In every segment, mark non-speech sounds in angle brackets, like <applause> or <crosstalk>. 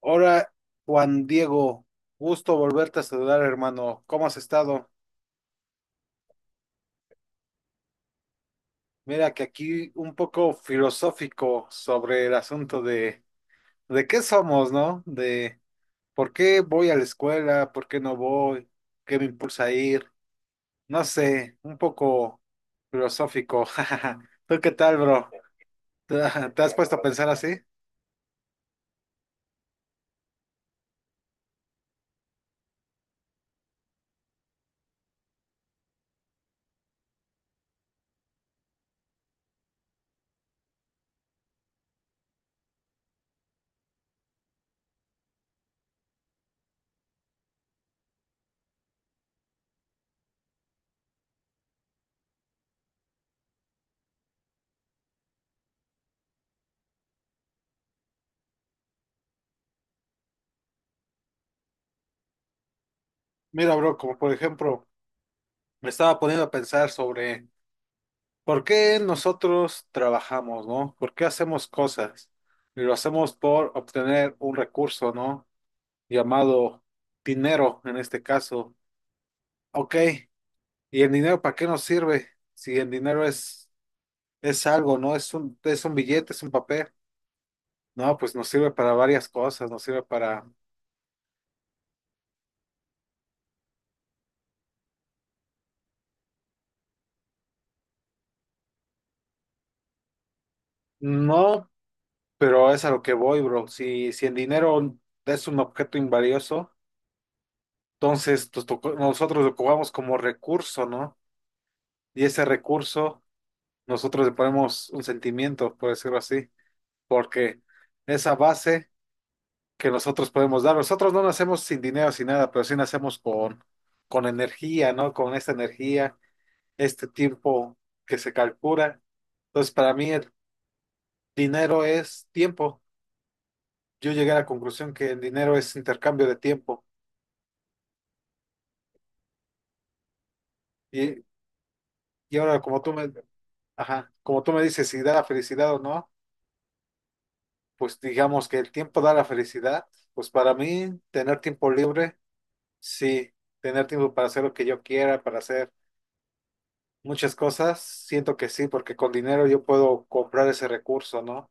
Hola, Juan Diego, gusto volverte a saludar, hermano. ¿Cómo has estado? Mira que aquí un poco filosófico sobre el asunto de qué somos, ¿no? De por qué voy a la escuela, por qué no voy, qué me impulsa a ir. No sé, un poco filosófico. <laughs> ¿Tú qué tal, bro? ¿Te, te has puesto a pensar así? Mira, bro, como por ejemplo, me estaba poniendo a pensar sobre. ¿Por qué nosotros trabajamos, no? ¿Por qué hacemos cosas? Y lo hacemos por obtener un recurso, ¿no? Llamado dinero en este caso. Ok, ¿y el dinero para qué nos sirve? Si el dinero es algo, ¿no? Es un billete, es un papel. No, pues nos sirve para varias cosas, nos sirve para. No, pero es a lo que voy, bro. Si el dinero es un objeto invalioso, entonces nosotros lo ocupamos como recurso, ¿no? Y ese recurso nosotros le ponemos un sentimiento, por decirlo así, porque esa base que nosotros podemos dar, nosotros no nacemos sin dinero, sin nada, pero sí nacemos con energía, ¿no? Con esta energía, este tiempo que se calcula. Entonces, para mí el dinero es tiempo. Yo llegué a la conclusión que el dinero es intercambio de tiempo. Y, y ahora, ajá, como tú me dices si da la felicidad o no, pues digamos que el tiempo da la felicidad. Pues para mí, tener tiempo libre. Sí, tener tiempo para hacer lo que yo quiera, para hacer muchas cosas, siento que sí, porque con dinero yo puedo comprar ese recurso, ¿no?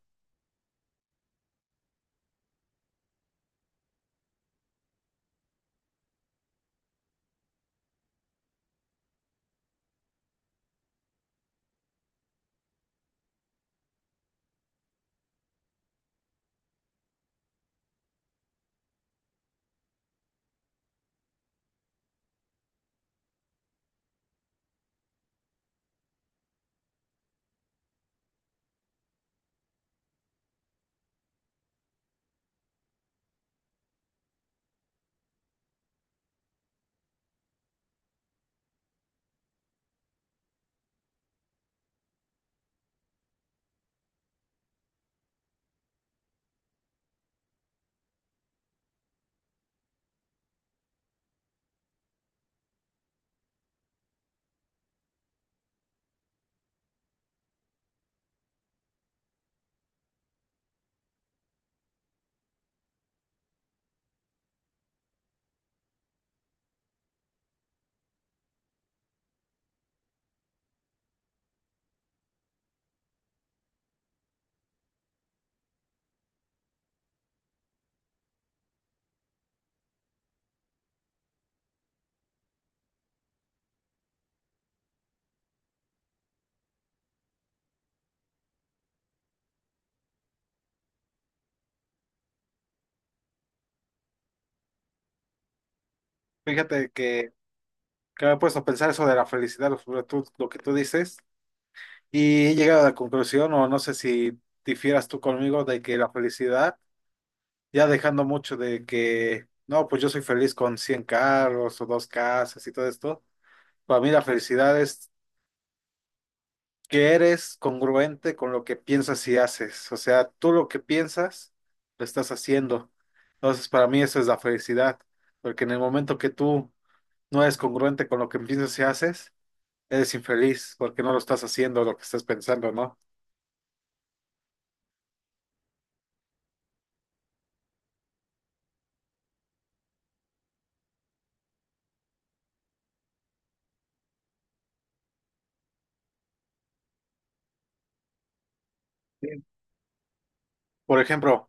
Fíjate que, me he puesto a pensar eso de la felicidad, lo que tú dices, y he llegado a la conclusión, o no sé si difieras tú conmigo, de que la felicidad, ya dejando mucho de que, no, pues yo soy feliz con 100 carros o dos casas y todo esto, para mí la felicidad que eres congruente con lo que piensas y haces. O sea, tú lo que piensas, lo estás haciendo. Entonces, para mí eso es la felicidad, porque en el momento que tú no eres congruente con lo que piensas y haces, eres infeliz porque no lo estás haciendo lo que estás pensando, ¿no? Sí. Por ejemplo,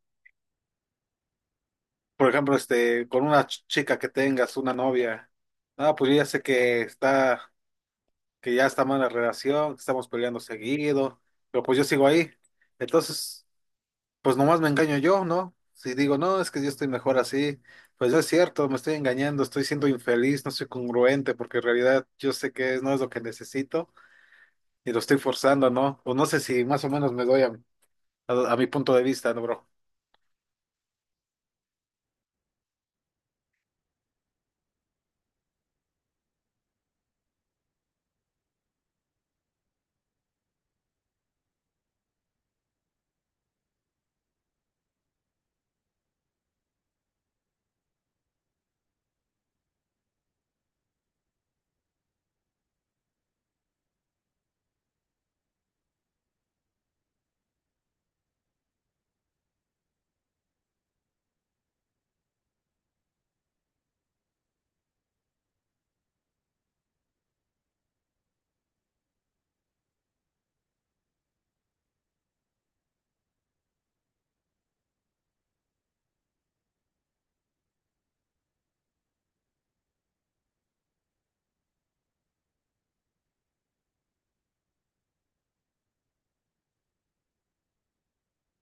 por ejemplo, con una chica que tengas, una novia, ah, pues yo ya sé que ya está mal la relación, que estamos peleando seguido, pero pues yo sigo ahí. Entonces, pues nomás me engaño yo, ¿no? Si digo, no, es que yo estoy mejor así, pues no es cierto, me estoy engañando, estoy siendo infeliz, no soy congruente, porque en realidad yo sé que no es lo que necesito y lo estoy forzando, ¿no? O no sé si más o menos me doy a mi punto de vista, ¿no, bro?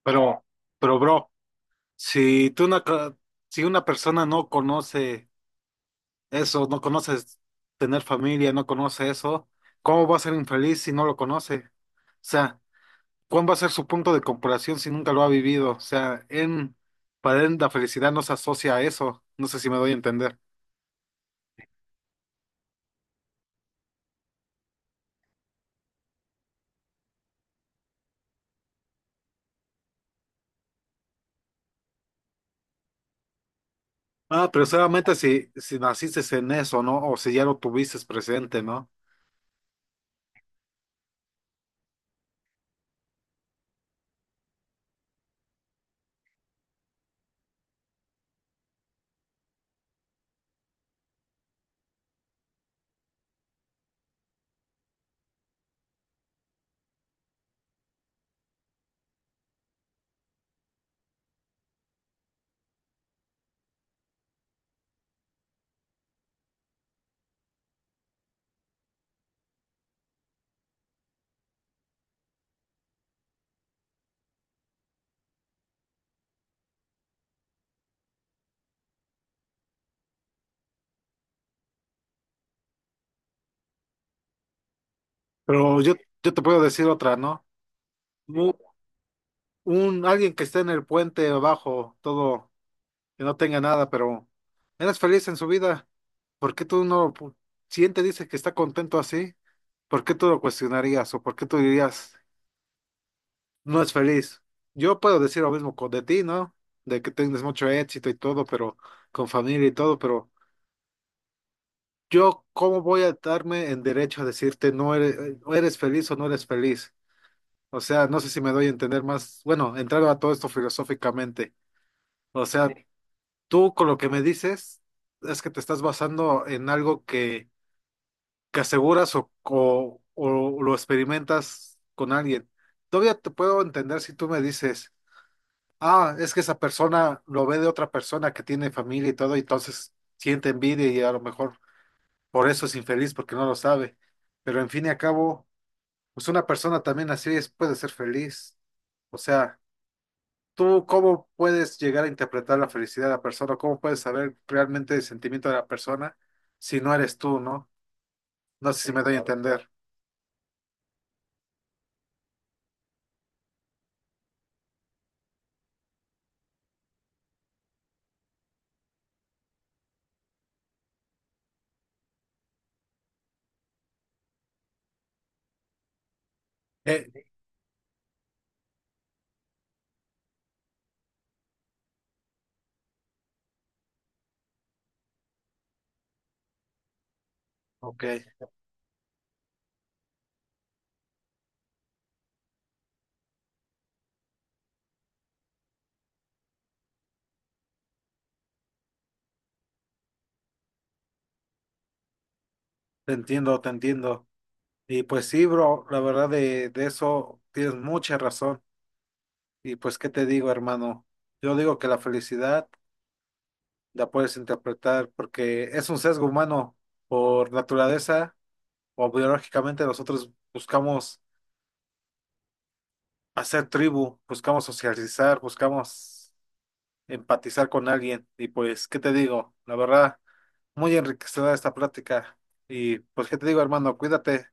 Pero, pero, bro, si tú una, ca- si una persona no conoce eso, no conoces tener familia, no conoce eso, ¿cómo va a ser infeliz si no lo conoce? O sea, ¿cuál va a ser su punto de comparación si nunca lo ha vivido? O sea, para él la felicidad no se asocia a eso. No sé si me doy a entender. Ah, pero solamente si naciste en eso, ¿no? O si ya lo tuviste presente, ¿no? Pero yo te puedo decir otra, ¿no? Mu- Alguien que esté en el puente abajo, todo, que no tenga nada, pero eres feliz en su vida. ¿Por qué tú no, si él te dice que está contento así, ¿por qué tú lo cuestionarías? ¿O por qué tú dirías no es feliz? Yo puedo decir lo mismo con de ti, ¿no? De que tienes mucho éxito y todo, pero con familia y todo, pero yo, ¿cómo voy a darme en derecho a decirte no eres, o eres feliz o no eres feliz? O sea, no sé si me doy a entender más, bueno, entrando a todo esto filosóficamente. O sea, sí. Tú con lo que me dices es que te estás basando en algo que aseguras o lo experimentas con alguien. Todavía te puedo entender si tú me dices. Ah, es que esa persona lo ve de otra persona que tiene familia y todo, y entonces siente envidia y a lo mejor por eso es infeliz porque no lo sabe. Pero en fin y a cabo, pues una persona también así es, puede ser feliz. O sea, ¿tú cómo puedes llegar a interpretar la felicidad de la persona? ¿Cómo puedes saber realmente el sentimiento de la persona si no eres tú, no? No sé si, sí, me doy a, claro, entender. Sí. Ok, te entiendo, te entiendo. Y pues sí, bro, la verdad de eso tienes mucha razón. Y pues, ¿qué te digo, hermano? Yo digo que la felicidad la puedes interpretar porque es un sesgo humano por naturaleza o biológicamente nosotros buscamos hacer tribu, buscamos socializar, buscamos empatizar con alguien. Y pues, ¿qué te digo? La verdad, muy enriquecedora esta plática. Y pues, ¿qué te digo, hermano? Cuídate.